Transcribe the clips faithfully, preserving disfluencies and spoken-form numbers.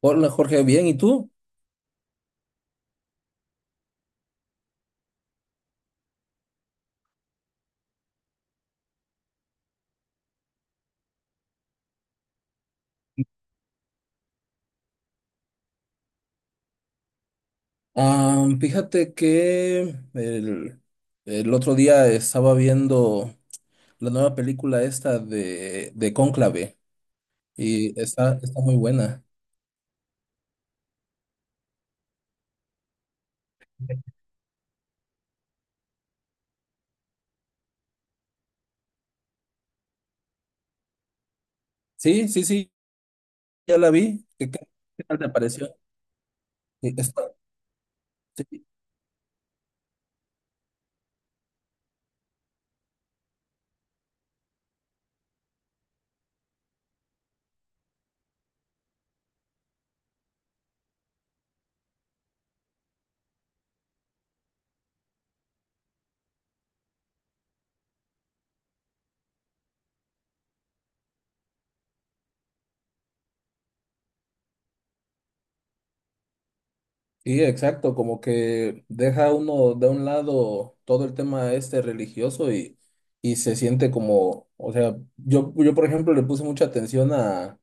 Hola Jorge, bien, ¿y tú? Ah, fíjate que el, el otro día estaba viendo la nueva película esta de, de Cónclave y está, está muy buena. Sí, sí, sí, ya la vi. ¿Qué, qué- qué tal te pareció? Sí, está- sí, sí, exacto, como que deja uno de un lado todo el tema este religioso y, y se siente como, o sea, yo, yo por ejemplo le puse mucha atención a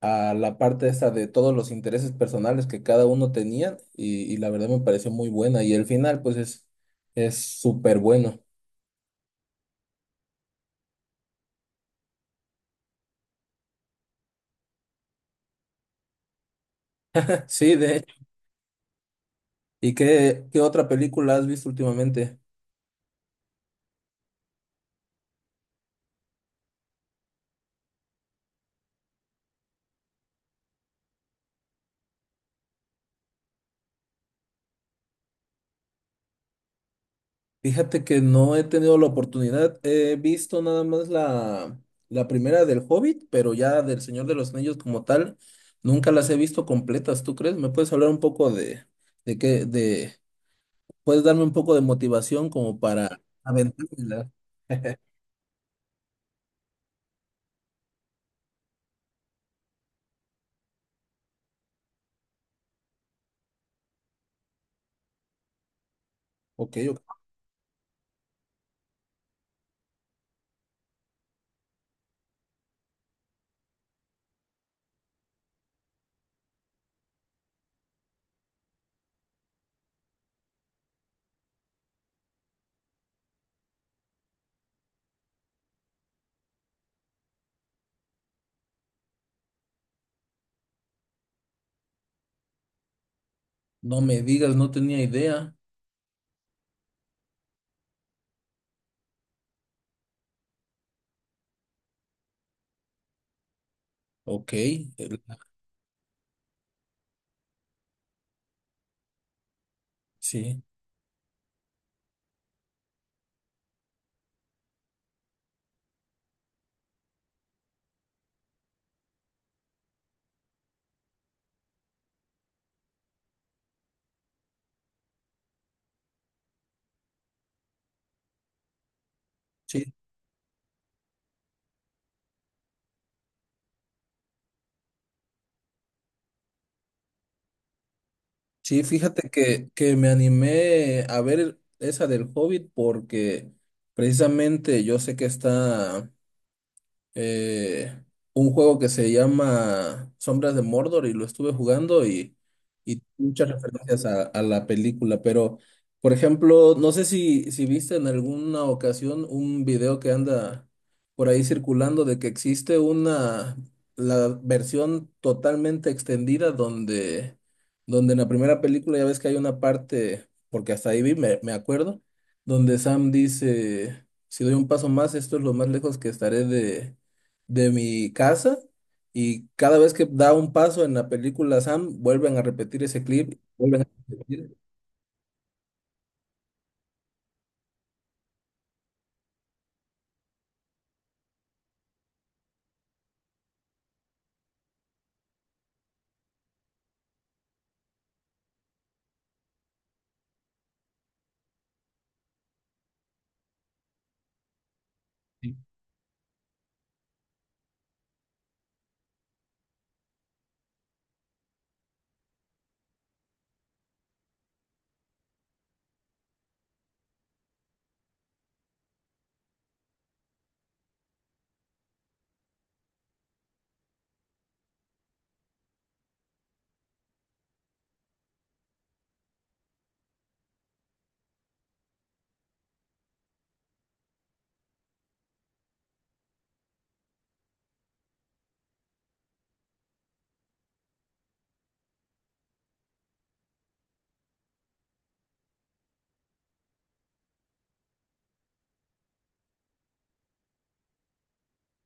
a la parte esa de todos los intereses personales que cada uno tenía y, y la verdad me pareció muy buena y el final pues es es súper bueno. Sí, de hecho. ¿Y qué, qué otra película has visto últimamente? Fíjate que no he tenido la oportunidad, he visto nada más la, la primera del Hobbit, pero ya del Señor de los Anillos como tal, nunca las he visto completas, ¿tú crees? ¿Me puedes hablar un poco de, de qué, de, puedes darme un poco de motivación como para aventármela? Ok, ok. No me digas, no tenía idea. Ok, el- sí, sí, sí, fíjate que, que me animé a ver el- esa del Hobbit porque precisamente yo sé que está. eh, un juego que se llama Sombras de Mordor y lo estuve jugando y, y muchas referencias a, a la película, pero por ejemplo, no sé si, si viste en alguna ocasión un video que anda por ahí circulando de que existe una, la versión totalmente extendida donde, donde en la primera película ya ves que hay una parte, porque hasta ahí vi, me, me acuerdo, donde Sam dice, si doy un paso más, esto es lo más lejos que estaré de de mi casa, y cada vez que da un paso en la película Sam, vuelven a repetir ese clip, vuelven a repetir. Sí,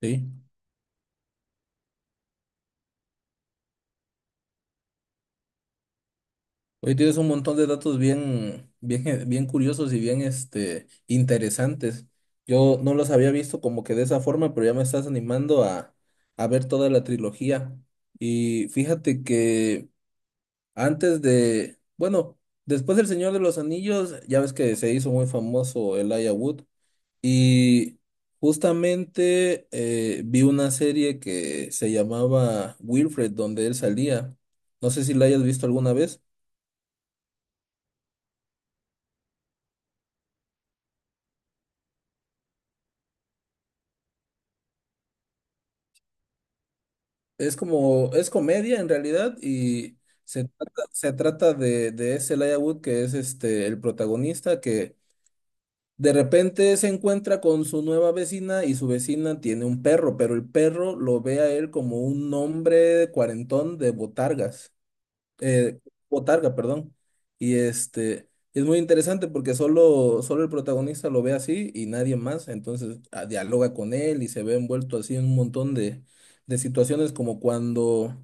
sí. Hoy tienes un montón de datos bien, bien, bien curiosos y bien este, interesantes. Yo no los había visto como que de esa forma, pero ya me estás animando a, a ver toda la trilogía. Y fíjate que antes de, bueno, después del Señor de los Anillos, ya ves que se hizo muy famoso Elijah Wood. Y justamente eh, vi una serie que se llamaba Wilfred, donde él salía. No sé si la hayas visto alguna vez. Es como, es comedia en realidad y se trata, se trata de, de ese Elijah Wood que es este, el protagonista que de repente se encuentra con su nueva vecina y su vecina tiene un perro, pero el perro lo ve a él como un hombre cuarentón de botargas. eh, Botarga, perdón. Y este, es muy interesante porque solo, solo el protagonista lo ve así y nadie más, entonces ah, dialoga con él y se ve envuelto así en un montón de, de situaciones como cuando,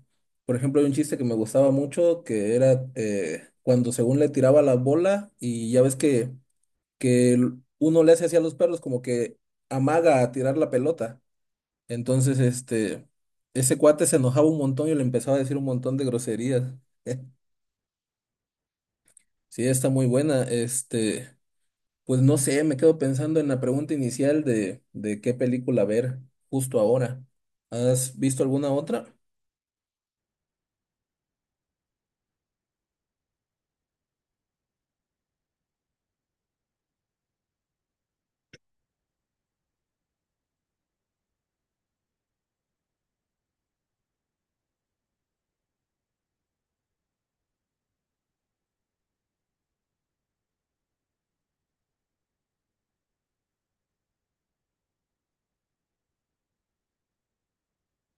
por ejemplo, hay un chiste que me gustaba mucho que era eh, cuando según le tiraba la bola y ya ves que, que el- uno le hace así a los perros como que amaga a tirar la pelota. Entonces, este, ese cuate se enojaba un montón y le empezaba a decir un montón de groserías. Sí, está muy buena. Este, pues no sé, me quedo pensando en la pregunta inicial de, de qué película ver justo ahora. ¿Has visto alguna otra?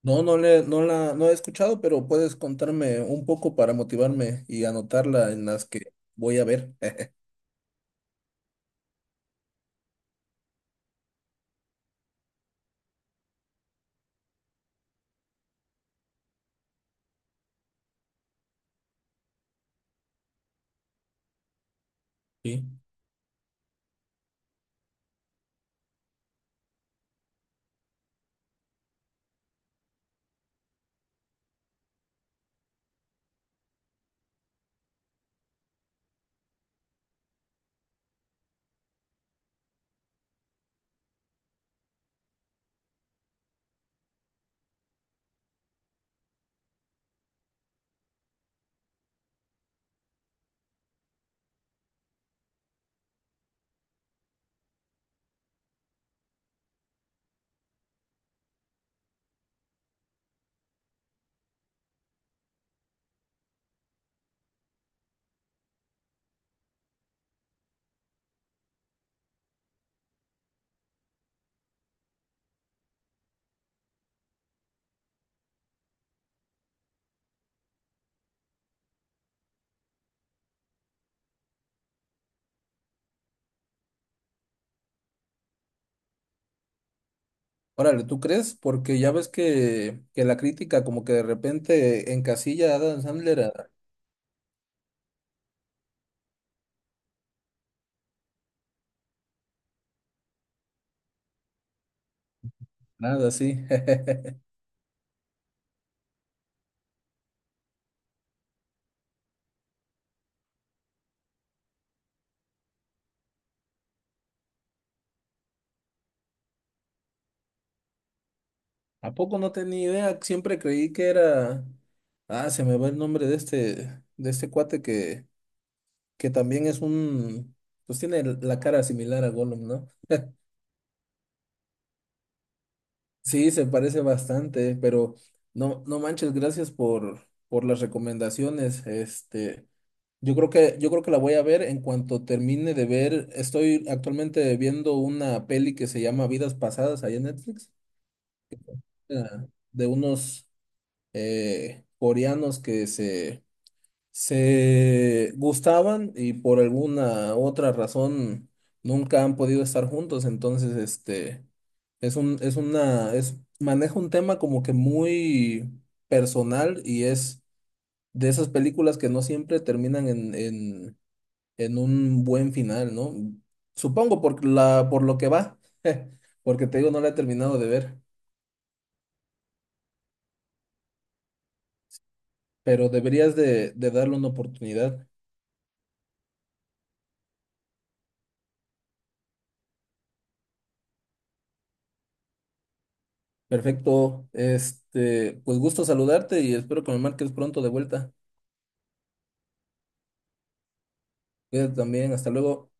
No, no le, no la, no he escuchado, pero puedes contarme un poco para motivarme y anotarla en las que voy a ver. Sí. Órale, ¿tú crees? Porque ya ves que, que la crítica como que de repente encasilla a Adam Sandler a nada, sí. ¿A poco no tenía idea? Siempre creí que era… Ah, se me va el nombre de este, de este cuate que, que también es un… Pues tiene la cara similar a Gollum, ¿no? Sí, se parece bastante, pero no, no manches, gracias por, por las recomendaciones. Este, yo creo que, yo creo que la voy a ver en cuanto termine de ver. Estoy actualmente viendo una peli que se llama Vidas Pasadas ahí en Netflix, eh, de unos eh, coreanos que se se gustaban y por alguna otra razón nunca han podido estar juntos. Entonces, este es un, es una, es, maneja un tema como que muy personal y es de esas películas que no siempre terminan en, en, en un buen final, ¿no? Supongo por la, por lo que va, porque te digo, no la he terminado de ver, pero deberías de, de darle una oportunidad. Perfecto. Este, pues gusto saludarte y espero que me marques pronto de vuelta. Cuídate también. Hasta luego.